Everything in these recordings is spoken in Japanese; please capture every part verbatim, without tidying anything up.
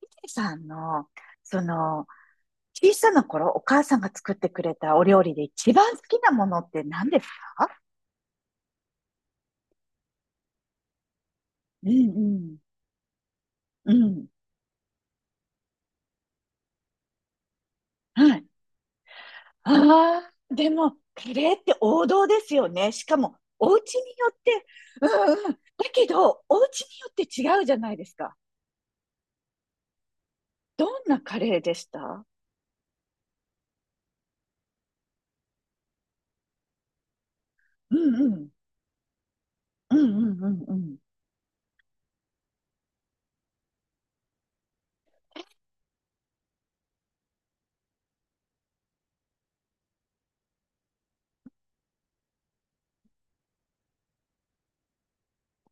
ヒデさんの、その、小さな頃、お母さんが作ってくれたお料理で一番好きなものって何ですか？うんうん。うん。はい。ああ、でも、カレーって王道ですよね。しかも、お家によって、うんうん。だけど、お家によって違うじゃないですか。どんなカレーでした？うんうん。うんうんうんうん。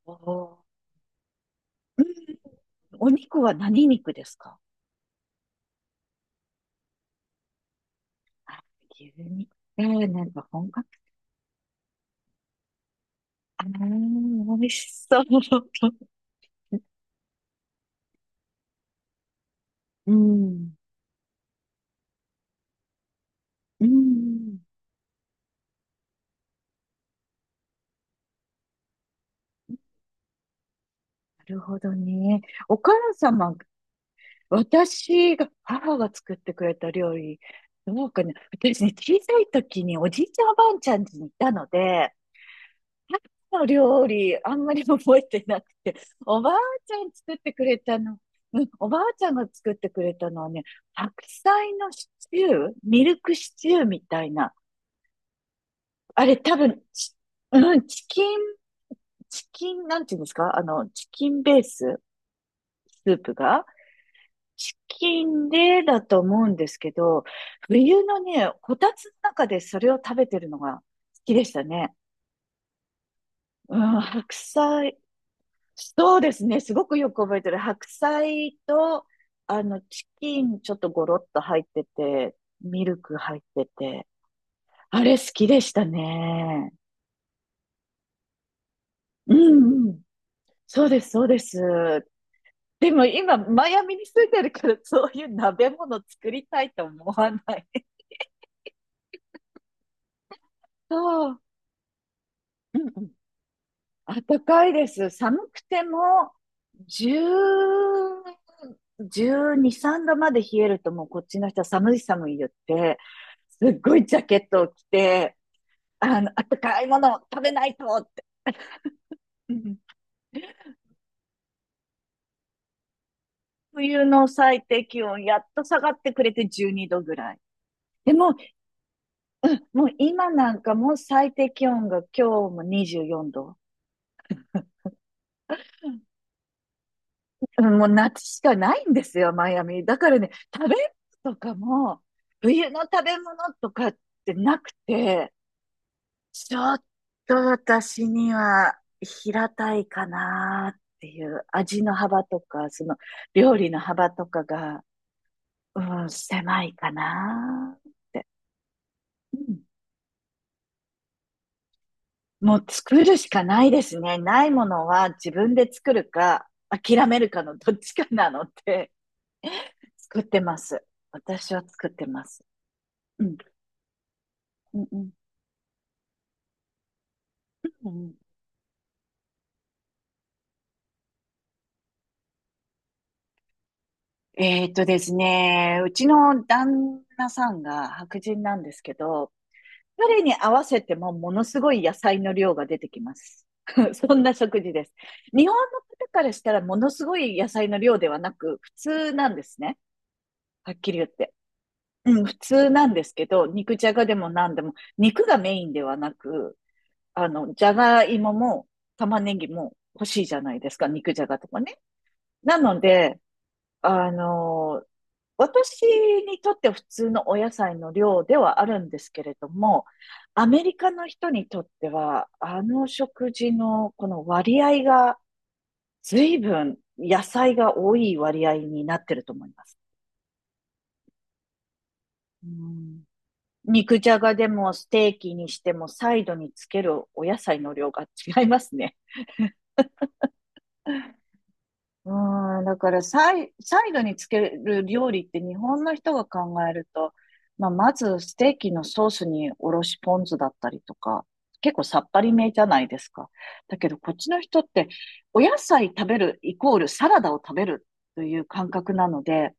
おお。うん。お肉は何肉ですか？あ、牛肉。えー、なんか本格あー、美味しそう。うん。うん。なるほどね。お母様、私が、母が作ってくれた料理、どうかね。私ね、小さい時におじいちゃんおばあちゃん家にいたので、母の料理、あんまり覚えてなくて、おばあちゃん作ってくれたの、うん、おばあちゃんが作ってくれたのはね、白菜のシチュー、ミルクシチューみたいな。あれ多分、チうん、チキンチキン、なんていうんですか、あの、チキンベース、スープが、チキンでだと思うんですけど、冬のね、こたつの中でそれを食べてるのが好きでしたね。うん、白菜、そうですね、すごくよく覚えてる。白菜と、あの、チキンちょっとゴロッと入ってて、ミルク入ってて、あれ好きでしたね。うんうん。そうです、そうです。でも今、マイアミに住んでるから、そういう鍋物作りたいと思わない。そう。うんうん。暖かいです。寒くても、じゅう、じゅうに、さんどまで冷えるともうこっちの人は寒い寒い言って、すっごいジャケットを着て、あの、暖かいものを食べないとって。うん。冬の最低気温、やっと下がってくれてじゅうにどぐらい。でも、もう今なんかもう最低気温が今日もにじゅうよんど。うん、もう夏しかないんですよ、マイアミ。だからね、食べ物とかも、冬の食べ物とかってなくて、ちょっと私には平たいかなっていう味の幅とか、その料理の幅とかが、うん、狭いかなって。うん。もう作るしかないですね。ないものは自分で作るか、諦めるかのどっちかなので、作ってます。私は作ってます。うんうんうん。うん。えーっとですね、うちの旦那さんが白人なんですけど、彼に合わせてもものすごい野菜の量が出てきます。そんな食事です。日本の方からしたらものすごい野菜の量ではなく、普通なんですね。はっきり言って。うん、普通なんですけど、肉じゃがでも何でも、肉がメインではなく、あの、じゃがいもも玉ねぎも欲しいじゃないですか、肉じゃがとかね。なので、あの、私にとっては普通のお野菜の量ではあるんですけれども、アメリカの人にとっては、あの食事のこの割合が随分野菜が多い割合になってると思います。うん。肉じゃがでもステーキにしてもサイドにつけるお野菜の量が違いますね。うん、だからサイ、サイドにつける料理って日本の人が考えると、まあ、まずステーキのソースにおろしポン酢だったりとか、結構さっぱりめじゃないですか。だけどこっちの人ってお野菜食べるイコールサラダを食べるという感覚なので、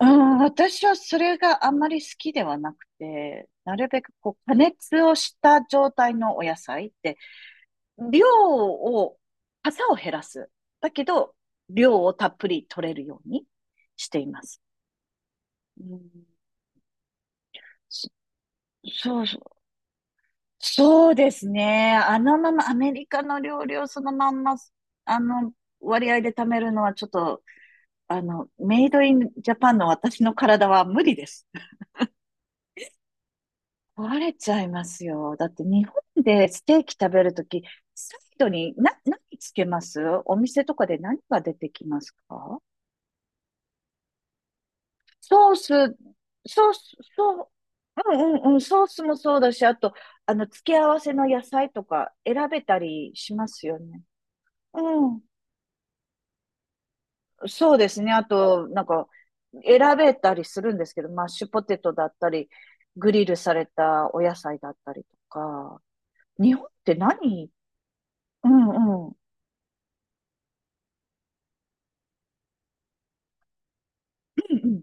うん、私はそれがあんまり好きではなくて、なるべくこう加熱をした状態のお野菜って量を、傘を減らす。だけど、量をたっぷり取れるようにしています。うん。そそうそう。そうですね。あのまま、アメリカの料理をそのまんま、あの、割合で貯めるのはちょっと、あの、メイドインジャパンの私の体は無理です。壊れちゃいますよ。だって日本でステーキ食べるとき、サイドにな、何つけますお店とかで何が出てきますか？ソース、ソース、そう、うんうんうん、ソースもそうだし、あと、あの、付け合わせの野菜とか選べたりしますよね。うん。そうですね。あと、なんか、選べたりするんですけど、マッシュポテトだったり、グリルされたお野菜だったりとか、日本って何？うんうん。うんうん。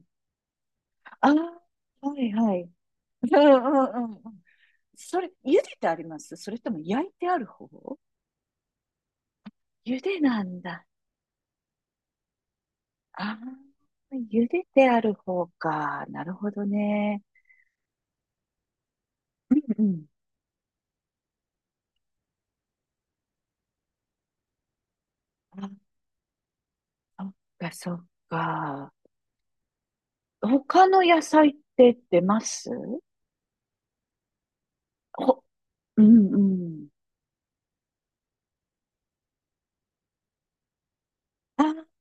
ああ、はいはい。うんうんうんうん。それ、茹でてありますそれとも焼いてある方？茹でなんだ。ああ、茹でてある方か。なるほどね。うんうん。あ、そっか、そっか。他の野菜って出ますほ、うんうん。あ、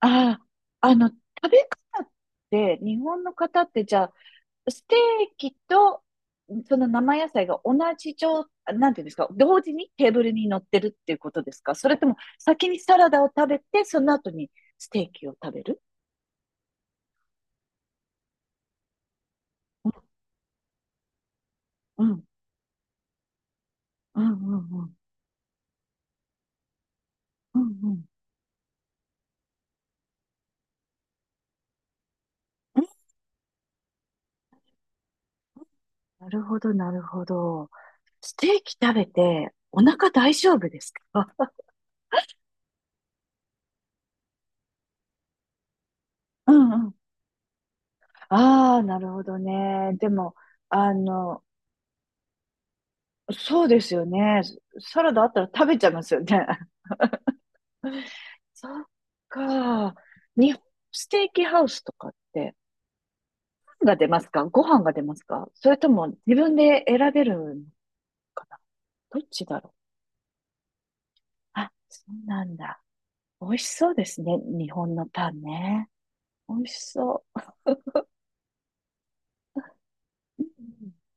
あ、あの、食べ方って、日本の方ってじゃあ、ステーキと、その生野菜が同じ状、なんていうんですか、同時にテーブルに乗ってるっていうことですか？それとも先にサラダを食べて、その後にステーキを食べる？うんうんうんうんうん。うんうん。え、なるほど、なるほど。ステーキ食べてお腹大丈夫ですか？あ、うんうん。ああ、なるほどね。でも、あの、そうですよね。サラダあったら食べちゃいますよね。そっか。日本ステーキハウスとかって、パンが出ますか？ご飯が出ますか？それとも自分で選べるのかな、どっちだろう。あ、そうなんだ。美味しそうですね。日本のパンね。美味しそう。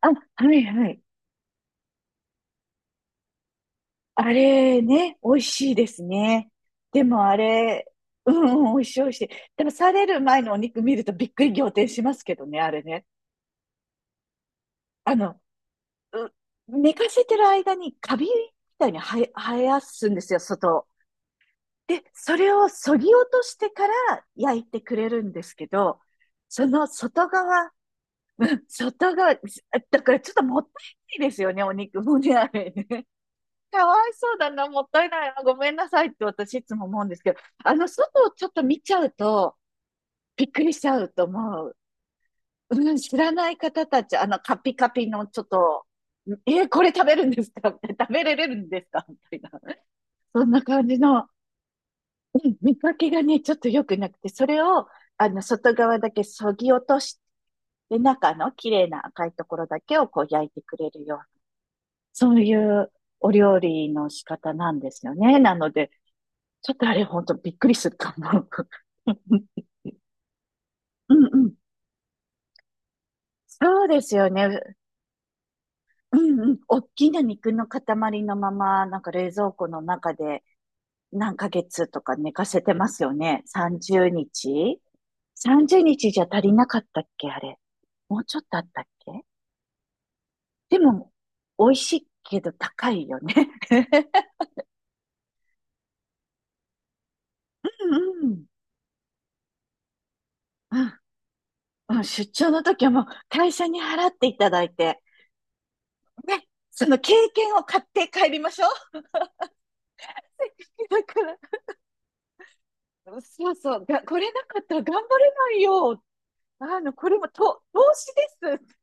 あ、はいはい。あれね、美味しいですね。でもあれ、うんうん、美味しい美味しい。でもされる前のお肉見るとびっくり仰天しますけどね、あれね。あの、う寝かせてる間にカビみたいに生え、生やすんですよ、外を。で、それを削ぎ落としてから焼いてくれるんですけど、その外側、外側、だからちょっともったいないですよね、お肉もね、あれね。かわいそうだな、もったいないな、ごめんなさいって私いつも思うんですけど、あの、外をちょっと見ちゃうと、びっくりしちゃうと思う。うん、知らない方たち、あの、カピカピのちょっと、えーこれ食べるんですかって 食べれるんですかみたいな。そんな感じの、うん、見かけがね、ちょっと良くなくて、それを、あの、外側だけそぎ落として、中の綺麗な赤いところだけをこう焼いてくれるような、そういうお料理の仕方なんですよね。なので、ちょっとあれ、ほんとびっくりするかも。うんうん。そうですよね。うんうん。大きな肉の塊のまま、なんか冷蔵庫の中で何ヶ月とか寝かせてますよね。さんじゅうにち ?さんじゅう 日じゃ足りなかったっけあれ。もうちょっとあったっけ？でも、美味しいけど高いよね。うんうん。うんうん。出張の時はもう会社に払っていただいて、ね、その経験を買って帰りましょう。だから、そうそう、が、これなかったら頑張れないよ。あの、これもと、投資です